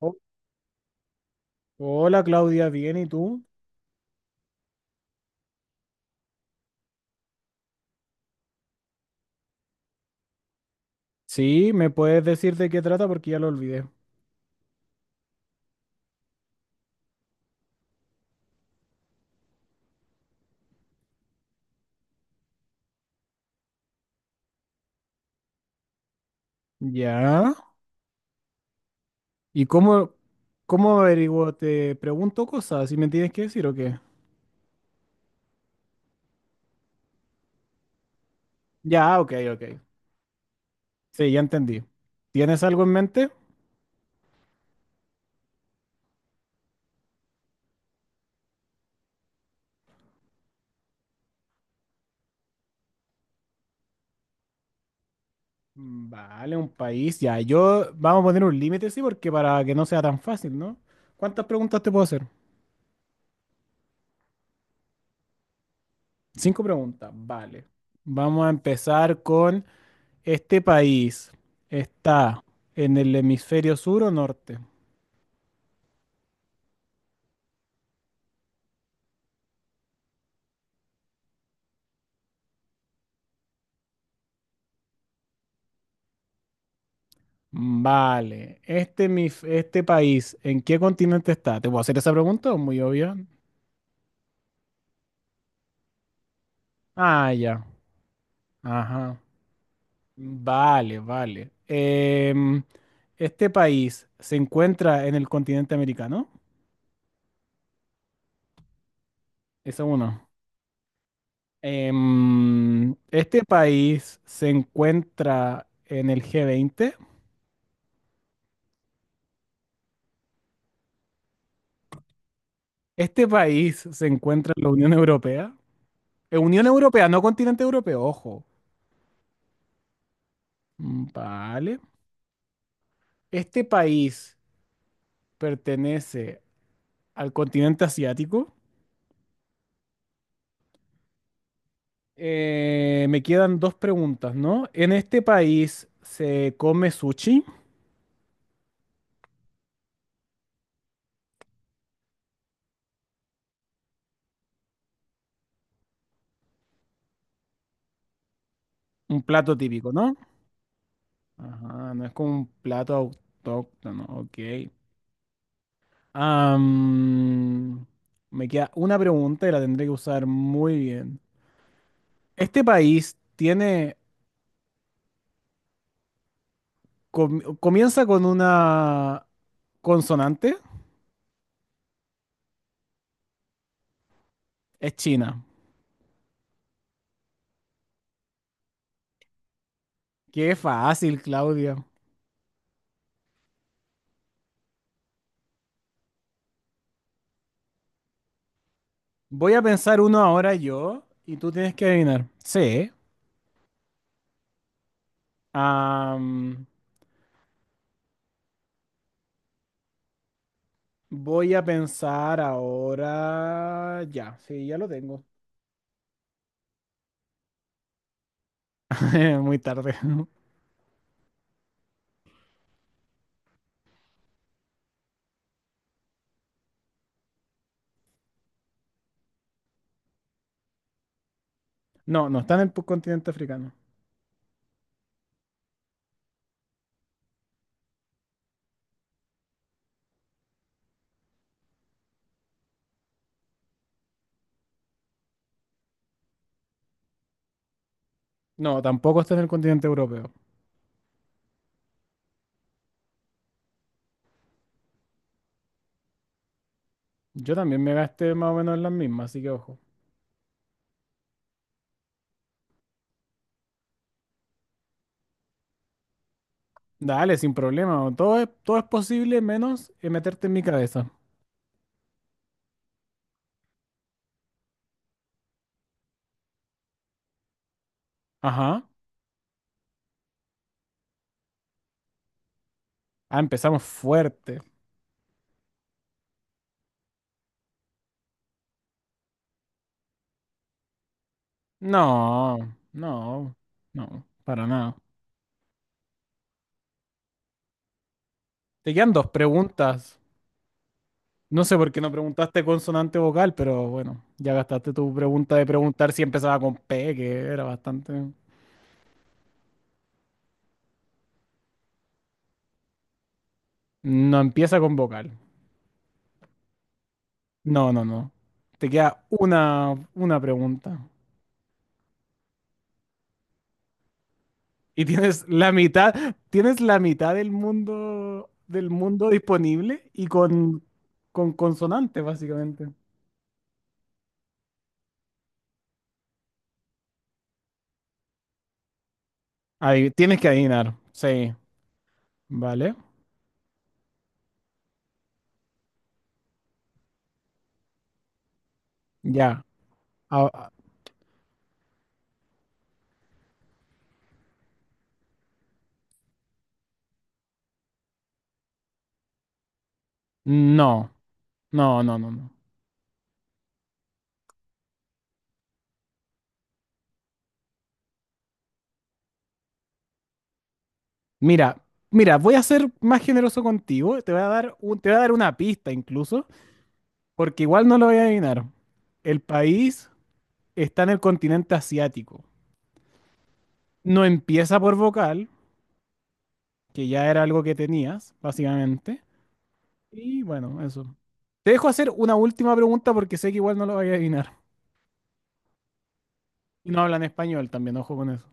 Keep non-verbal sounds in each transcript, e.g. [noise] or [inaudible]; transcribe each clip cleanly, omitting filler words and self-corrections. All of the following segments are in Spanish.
Oh, hola Claudia, bien, ¿y tú? Sí, ¿me puedes decir de qué trata? Porque ya lo olvidé. Ya. ¿Y cómo averiguo? ¿Te pregunto cosas y me tienes que decir o qué? Ya, ok, ok. Sí, ya entendí. ¿Tienes algo en mente? Mm, vale, un país. Ya, yo vamos a poner un límite, sí, porque para que no sea tan fácil, ¿no? ¿Cuántas preguntas te puedo hacer? Cinco preguntas, vale. Vamos a empezar con este país. ¿Está en el hemisferio sur o norte? Mm, vale, este, mi, este país, ¿en qué continente está? ¿Te puedo hacer esa pregunta? ¿O muy obvia? Ah, ya. Ajá. Vale, vale. ¿Este país se encuentra en el continente americano? Esa uno. ¿Este país se encuentra en el G20? ¿Este país se encuentra en la Unión Europea? Unión Europea, no continente europeo, ojo. Mm, vale. ¿Este país pertenece al continente asiático? Me quedan dos preguntas, ¿no? En este país se come sushi, un plato típico, ¿no? Ajá, no es como un plato autóctono, ok. Am, me queda una pregunta y la tendré que usar muy bien. ¿Este país tiene, comienza con una consonante? Es China. Qué fácil, Claudia. Voy a pensar uno ahora yo y tú tienes que adivinar. Sí, Am, voy a pensar ahora. Ya, sí, ya lo tengo. [laughs] Muy tarde. [laughs] No, no está en el continente africano. No, tampoco está en el continente europeo. Yo también me gasté más o menos en las mismas, así que ojo. Dale, sin problema. Todo es posible menos meterte en mi cabeza. Ajá. Ah, empezamos fuerte. No, no, no, para nada. Te quedan dos preguntas. No sé por qué no preguntaste consonante vocal, pero bueno, ya gastaste tu pregunta de preguntar si empezaba con P, que era bastante... No empieza con vocal. No, no, no. Te queda una pregunta. Y tienes la mitad del mundo disponible y con consonante, básicamente. Ahí, tienes que adivinar. Sí, ¿vale? Ya. Ah, ah, no, no, no, no, no. Mira, mira, voy a ser más generoso contigo. Te voy a dar una pista incluso, porque igual no lo voy a adivinar. El país está en el continente asiático. No empieza por vocal, que ya era algo que tenías, básicamente. Y bueno, eso. Te dejo hacer una última pregunta porque sé que igual no lo voy a adivinar. Y no hablan español también, ojo con eso.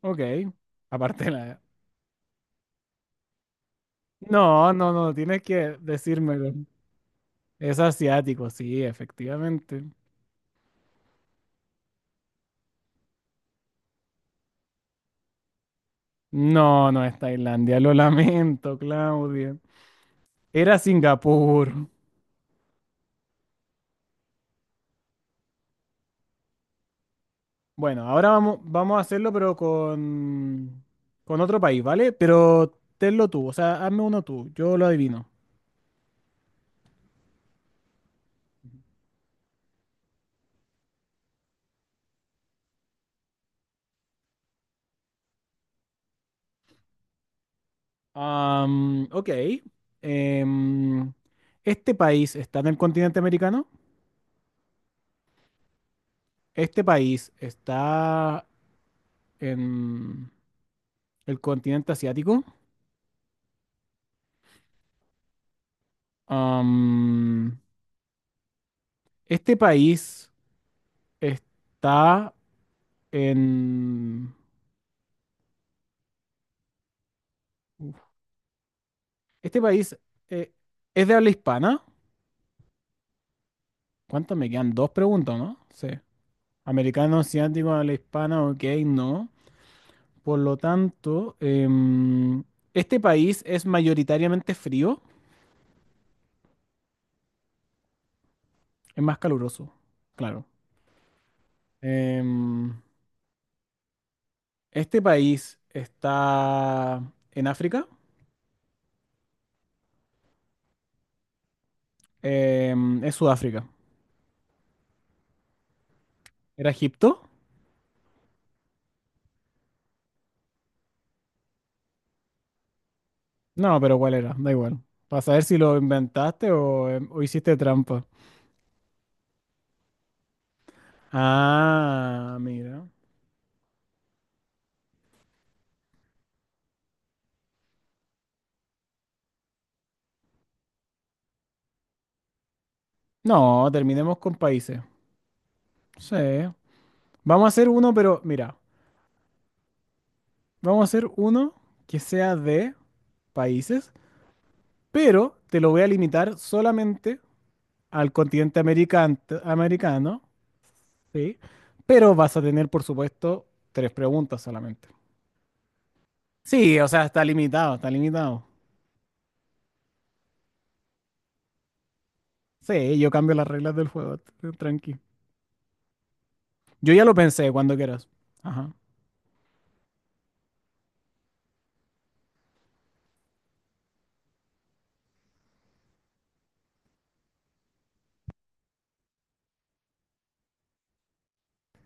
Ok, aparte de la... No, no, no, tienes que decírmelo. Es asiático, sí, efectivamente. No, no es Tailandia, lo lamento, Claudia. Era Singapur. Bueno, ahora vamos a hacerlo, pero con otro país, ¿vale? Pero tenlo tú, o sea, hazme uno tú, yo lo adivino. Ok. Em, ¿Este país está en el continente americano? ¿Este país está en el continente asiático? Am, ¿Este país está en Este país eh, es de habla hispana. ¿Cuánto me quedan? Dos preguntas, ¿no? Sí. Americano, asiático, habla hispana, ok, no. Por lo tanto, este país es mayoritariamente frío, es más caluroso, claro. Em, este país está en África. Es Sudáfrica. ¿Era Egipto? No, pero ¿cuál era? Da igual. Para saber si lo inventaste o, o hiciste trampa. Ah, mira. No, terminemos con países. Sí. Vamos a hacer uno, pero mira, vamos a hacer uno que sea de países, pero te lo voy a limitar solamente al continente americano, ¿sí? Pero vas a tener, por supuesto, tres preguntas solamente. Sí, o sea, está limitado, está limitado. Sí, yo cambio las reglas del juego, tranqui. Yo ya lo pensé cuando quieras. Ajá,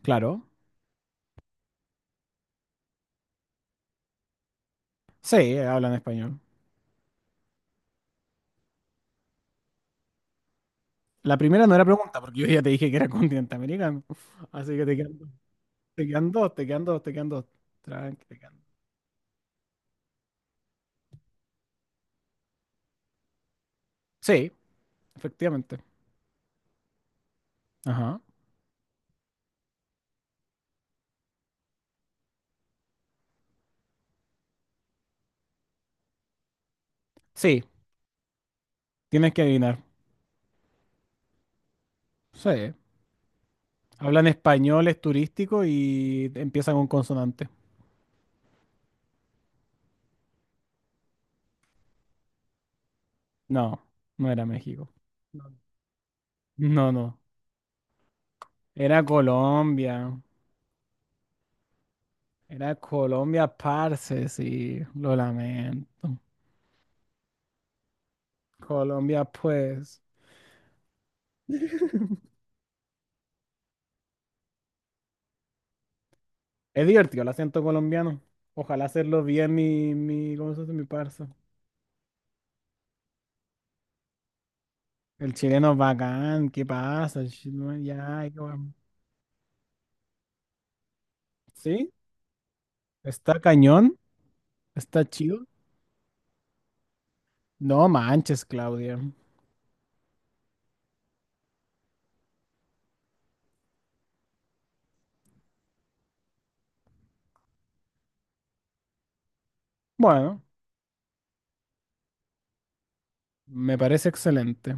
claro. Sí, hablan español. La primera no era pregunta, porque yo ya te dije que era continente americano. [laughs] Así que te quedan dos, te quedan dos, te quedan dos. Tranqui, te quedan dos. Sí, efectivamente. Ajá. Sí, tienes que adivinar. Sí. Hablan español, es turístico y empiezan con consonante. No, no era México. No, no. Era Colombia. Era Colombia, parce, sí. Lo lamento. Colombia, pues. [laughs] Es divertido el acento colombiano. Ojalá hacerlo bien mi, ¿cómo se dice? Mi parso. El chileno es bacán, ¿qué pasa? El chileno, ya, ay, qué guam. ¿Sí? ¿Está cañón? ¿Está chido? No manches, Claudia. Bueno, me parece excelente.